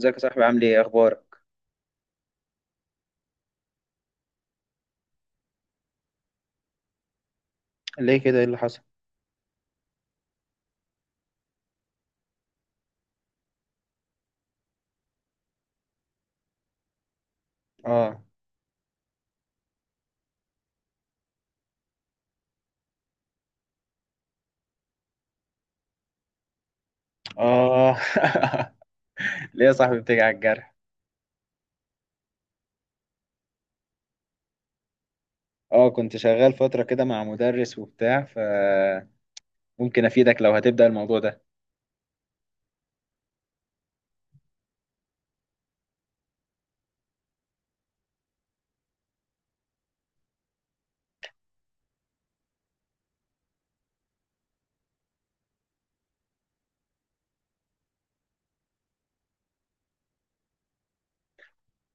ازيك يا صاحبي، عامل ايه؟ اخبارك؟ ليه كده؟ ايه اللي حصل؟ اه. اه. ليه يا صاحبي بتيجي على الجرح؟ اه، كنت شغال فترة كده مع مدرس وبتاع، ف ممكن افيدك لو هتبدأ الموضوع ده.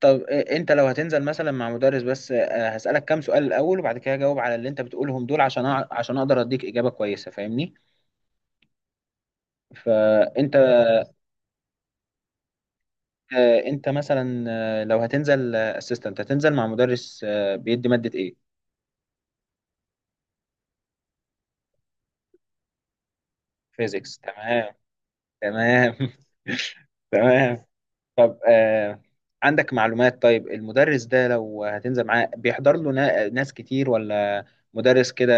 طب انت لو هتنزل مثلا مع مدرس، بس هسألك كام سؤال الاول، وبعد كده اجاوب على اللي انت بتقولهم دول، عشان عشان اقدر اديك اجابة كويسة، فاهمني؟ فانت انت مثلا، لو هتنزل اسيستنت هتنزل مع مدرس بيدي مادة ايه؟ فيزيكس، تمام. تمام. تمام. طب عندك معلومات؟ طيب المدرس ده لو هتنزل معاه بيحضر له ناس كتير؟ ولا مدرس كده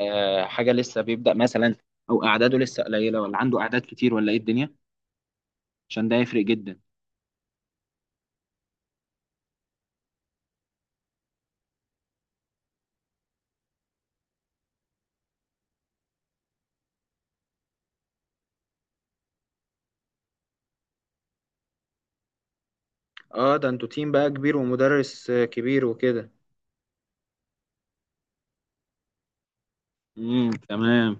حاجة لسه بيبدأ مثلا، أو أعداده لسه قليلة، ولا عنده أعداد كتير، ولا إيه الدنيا؟ عشان ده يفرق جدا. اه ده انتوا تيم بقى كبير، ومدرس كبير وكده. تمام.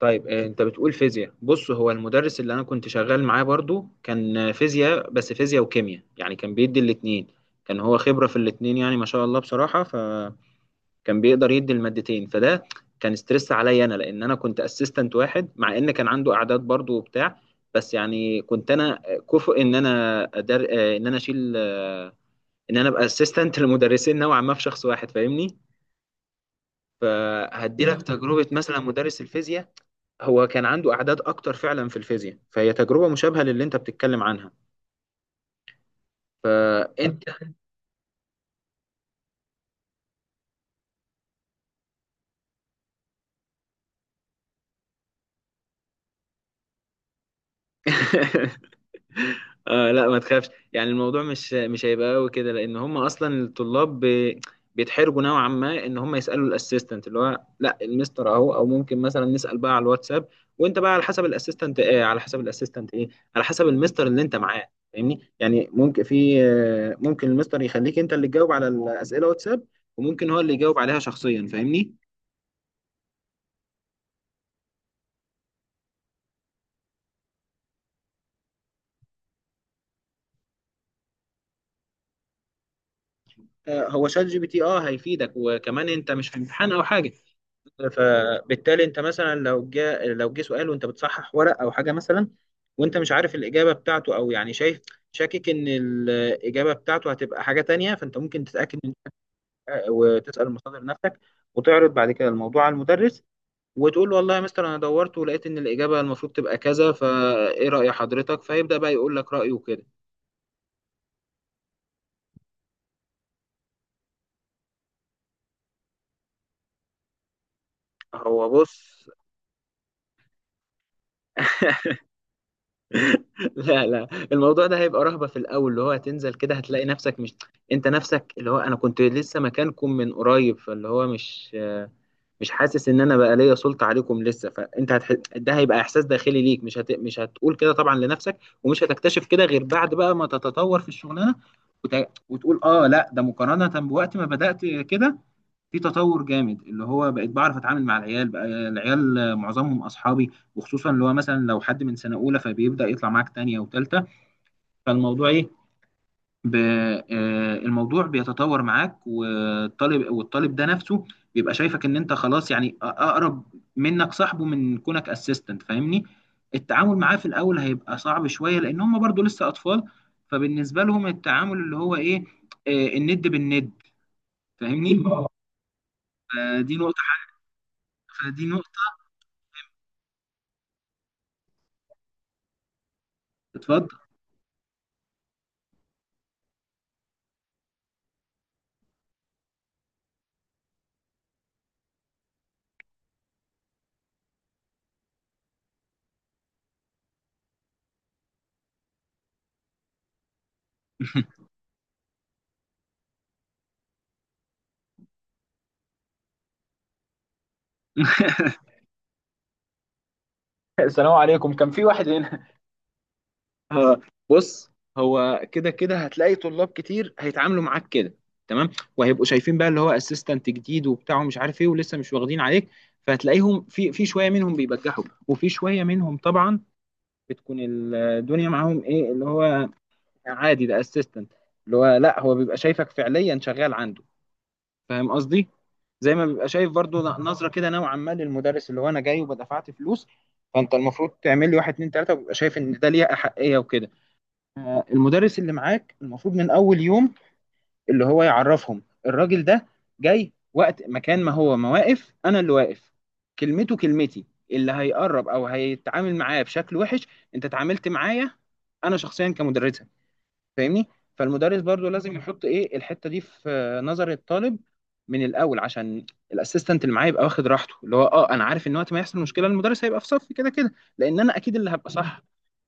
طيب انت بتقول فيزياء. بص، هو المدرس اللي انا كنت شغال معاه برضو كان فيزياء، بس فيزياء وكيمياء، يعني كان بيدي الاتنين. كان هو خبرة في الاتنين، يعني ما شاء الله بصراحة. كان بيقدر يدي المادتين، فده كان ستريس عليا انا، لان انا كنت اسيستنت واحد، مع ان كان عنده اعداد برضو وبتاع. بس يعني كنت انا كفؤ ان انا أدر... آه، ان انا اشيل آه، ان انا ابقى اسيستنت لمدرسين نوعا ما في شخص واحد، فاهمني؟ فهدي لك تجربة مثلا، مدرس الفيزياء هو كان عنده أعداد أكتر فعلا في الفيزياء، فهي تجربة مشابهة للي أنت بتتكلم عنها. فأنت. لا ما تخافش، يعني الموضوع مش هيبقى قوي كده، لان هم اصلا الطلاب بيتحرجوا نوعا ما ان هم يسالوا الاسيستنت، اللي هو لا، المستر اهو، او ممكن مثلا نسال بقى على الواتساب. وانت بقى على حسب الاسيستنت ايه، على حسب الاسيستنت ايه، على حسب المستر اللي انت معاه، فاهمني؟ يعني ممكن في آه، ممكن المستر يخليك انت اللي تجاوب على الاسئله واتساب، وممكن هو اللي يجاوب عليها شخصيا، فاهمني؟ هو شات جي بي تي اه هيفيدك، وكمان انت مش في امتحان او حاجه، فبالتالي انت مثلا لو جه لو جه سؤال وانت بتصحح ورق او حاجه مثلا، وانت مش عارف الاجابه بتاعته، او يعني شايف، شاكك ان الاجابه بتاعته هتبقى حاجه تانية، فانت ممكن تتاكد من، وتسال المصادر نفسك، وتعرض بعد كده الموضوع على المدرس، وتقول له والله يا مستر انا دورت ولقيت ان الاجابه المفروض تبقى كذا، فايه راي حضرتك؟ فيبدا بقى يقول لك رايه كده. هو بص، لا لا، الموضوع ده هيبقى رهبة في الأول، اللي هو هتنزل كده هتلاقي نفسك مش. أنت نفسك اللي هو أنا كنت لسه مكانكم من قريب، فاللي هو مش حاسس إن أنا بقى ليا سلطة عليكم لسه. فأنت ده هيبقى إحساس داخلي ليك، مش هتقول كده طبعا لنفسك، ومش هتكتشف كده غير بعد بقى ما تتطور في الشغلانة، وت... وتقول آه لا، ده مقارنة بوقت ما بدأت كده، في تطور جامد، اللي هو بقيت بعرف اتعامل مع العيال. بقى العيال معظمهم اصحابي، وخصوصا اللي هو مثلا لو حد من سنه اولى، فبيبدا يطلع معاك تانية وتالتة. فالموضوع ايه؟ ب... آه، الموضوع بيتطور معاك، والطالب ده نفسه بيبقى شايفك ان انت خلاص، يعني اقرب منك صاحبه من كونك اسيستنت، فاهمني؟ التعامل معاه في الاول هيبقى صعب شويه، لان هم برضو لسه اطفال، فبالنسبه لهم التعامل اللي هو ايه، الند بالند، فاهمني؟ آه، دي نقطه حاجه فدي نقطه. اتفضل. السلام عليكم، كان في واحد هنا. آه، بص، هو كده كده هتلاقي طلاب كتير هيتعاملوا معاك كده، تمام؟ وهيبقوا شايفين بقى اللي هو اسيستنت جديد وبتاع ومش عارف ايه، ولسه مش واخدين عليك. فهتلاقيهم في شويه منهم بيبجحوا، وفي شويه منهم طبعا بتكون الدنيا معاهم ايه، اللي هو عادي ده اسيستنت، اللي هو لا، هو بيبقى شايفك فعليا شغال عنده، فاهم قصدي؟ زي ما بيبقى شايف برضو نظره كده نوعا ما للمدرس، اللي هو انا جاي وبدفعت فلوس، فانت المفروض تعمل لي واحد اتنين تلاته، وبيبقى شايف ان ده ليه احقيه وكده. المدرس اللي معاك المفروض من اول يوم اللي هو يعرفهم الراجل ده جاي، وقت مكان ما هو ما واقف انا اللي واقف. كلمته كلمتي، اللي هيقرب او هيتعامل معايا بشكل وحش انت اتعاملت معايا انا شخصيا كمدرسة، فاهمني؟ فالمدرس برضو لازم يحط ايه الحتة دي في نظر الطالب من الاول، عشان الاسيستنت اللي معايا يبقى واخد راحته، اللي هو اه انا عارف ان وقت ما يحصل مشكلة المدرس هيبقى في صفي كده كده، لان انا اكيد اللي هبقى صح،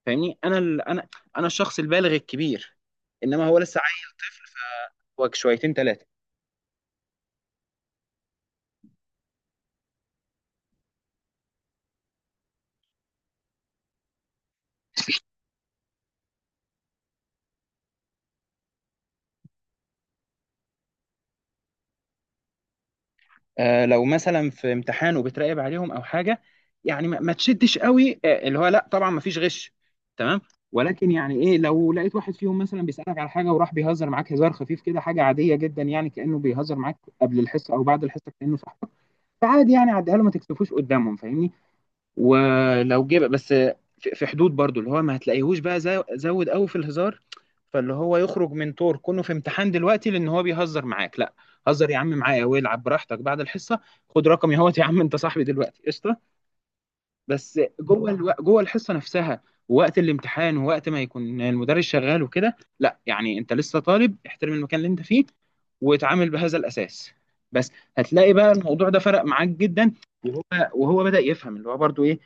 فاهمني؟ انا ال... انا انا الشخص البالغ الكبير، انما هو لسه عيل فوق شويتين ثلاثه. آه لو مثلا في امتحان وبتراقب عليهم او حاجه، يعني ما تشدش قوي، اللي هو لا طبعا ما فيش غش، تمام؟ ولكن يعني ايه، لو لقيت واحد فيهم مثلا بيسالك على حاجه وراح بيهزر معاك هزار خفيف كده، حاجه عاديه جدا، يعني كانه بيهزر معاك قبل الحصه او بعد الحصه، كانه صاحبك، فعادي يعني عديها له، ما تكسفوش قدامهم، فاهمني؟ ولو جه بس في حدود برضو، اللي هو ما هتلاقيهوش بقى زود قوي في الهزار، فاللي هو يخرج من طور كونه في امتحان دلوقتي لان هو بيهزر معاك، لا. هزر يا عم معايا والعب براحتك بعد الحصه، خد رقمي اهوت، يا عم انت صاحبي دلوقتي، قشطه. بس جوه الحصه نفسها، ووقت الامتحان ووقت ما يكون المدرس شغال وكده، لا، يعني انت لسه طالب، احترم المكان اللي انت فيه، واتعامل بهذا الاساس بس، هتلاقي بقى الموضوع ده فرق معاك جدا. وهو وهو بدأ يفهم اللي هو برضو ايه،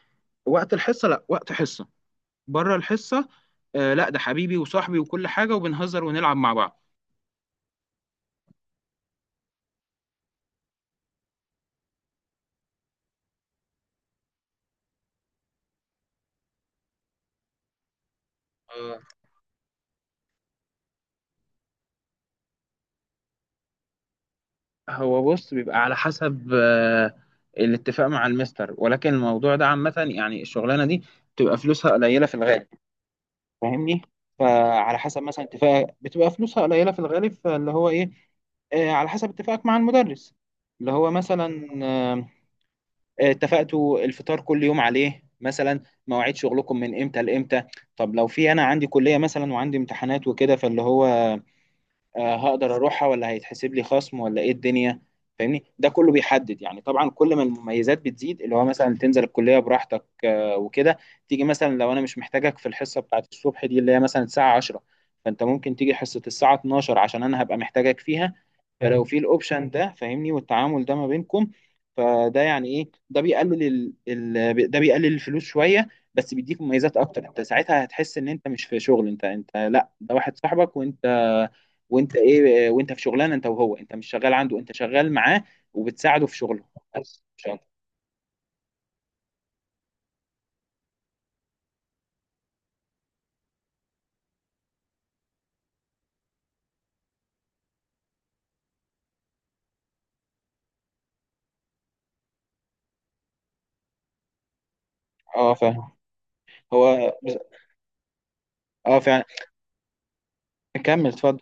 وقت الحصه لا، وقت حصه. بره الحصه، آه لا، ده حبيبي وصاحبي وكل حاجه، وبنهزر ونلعب مع بعض. هو بص، بيبقى على حسب الاتفاق مع المستر، ولكن الموضوع ده عامة يعني الشغلانة دي بتبقى فلوسها قليلة في الغالب، فاهمني؟ فعلى حسب مثلا اتفاق، بتبقى فلوسها قليلة في الغالب، فاللي هو ايه، على حسب اتفاقك مع المدرس، اللي هو مثلا اتفقتوا الفطار كل يوم عليه مثلا، مواعيد شغلكم من امتى لامتى، طب لو في انا عندي كلية مثلا وعندي امتحانات وكده، فاللي هو هقدر اروحها، ولا هيتحسب لي خصم، ولا ايه الدنيا؟ فاهمني ده كله بيحدد، يعني طبعا كل ما المميزات بتزيد، اللي هو مثلا تنزل الكليه براحتك وكده، تيجي مثلا لو انا مش محتاجك في الحصه بتاعت الصبح دي، اللي هي مثلا الساعه 10، فانت ممكن تيجي حصه الساعه 12، عشان انا هبقى محتاجك فيها، فلو حلو في الاوبشن ده، فاهمني؟ والتعامل ده ما بينكم، فده يعني ايه، ده بيقلل الفلوس شويه، بس بيديك مميزات اكتر. انت ساعتها هتحس ان انت مش في شغل، انت، انت لا، ده واحد صاحبك، وانت ايه، وانت في شغلانه انت وهو، انت مش شغال عنده، انت شغال معاه، وبتساعده في شغله، بس مش أكتر. اه فاهم. هو اه فعلا. كمل اتفضل.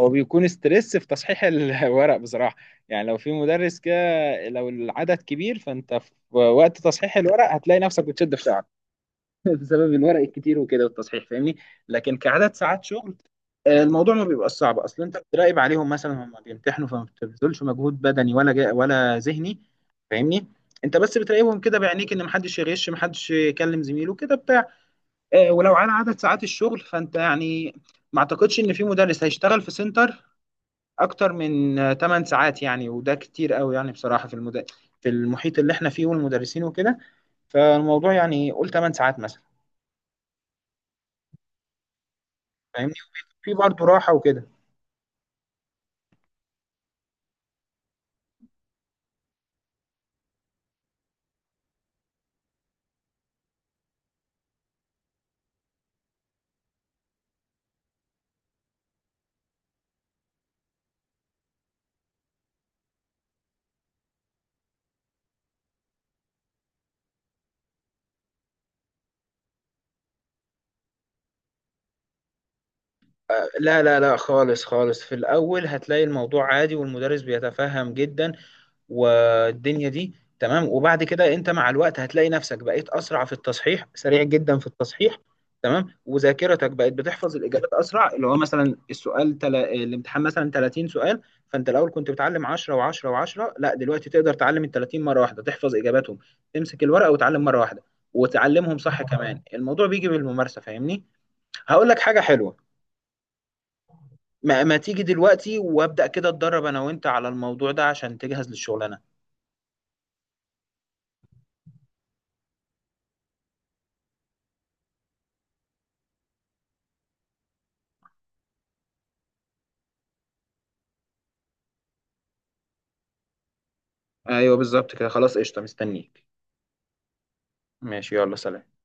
هو بيكون ستريس في تصحيح الورق بصراحه، يعني لو في مدرس كده لو العدد كبير، فانت في وقت تصحيح الورق هتلاقي نفسك بتشد في ساعه بسبب الورق الكتير وكده والتصحيح، فاهمني؟ لكن كعدد ساعات شغل، الموضوع ما بيبقى صعب، اصل انت بتراقب عليهم مثلا هم بيمتحنوا، فما بتبذلش مجهود بدني ولا جا ولا ذهني، فاهمني؟ انت بس بتراقبهم كده بعينيك ان محدش يغش، محدش يكلم زميله كده بتاع. ولو على عدد ساعات الشغل، فانت يعني ما اعتقدش ان في مدرس هيشتغل في سنتر اكتر من 8 ساعات، يعني وده كتير قوي يعني بصراحة، في المحيط اللي احنا فيه والمدرسين وكده. فالموضوع يعني قول 8 ساعات مثلا، فاهمني؟ في برضه راحة وكده. لا لا لا، خالص خالص في الأول، هتلاقي الموضوع عادي، والمدرس بيتفهم جدا، والدنيا دي تمام. وبعد كده أنت مع الوقت هتلاقي نفسك بقيت أسرع في التصحيح، سريع جدا في التصحيح، تمام؟ وذاكرتك بقت بتحفظ الإجابات أسرع. اللي هو مثلا الامتحان مثلا 30 سؤال، فأنت الأول كنت بتعلم 10 و10 و10، لا دلوقتي تقدر تعلم ال 30 مرة واحدة، تحفظ إجاباتهم، تمسك الورقة وتعلم مرة واحدة، وتعلمهم صح كمان. الموضوع بيجي بالممارسة، فاهمني؟ هقول لك حاجة حلوة. ما تيجي دلوقتي وابدأ كده اتدرب انا وانت على الموضوع ده، عشان تجهز للشغلانة. ايوه بالظبط كده، خلاص قشطه مستنيك. ماشي يلا سلام.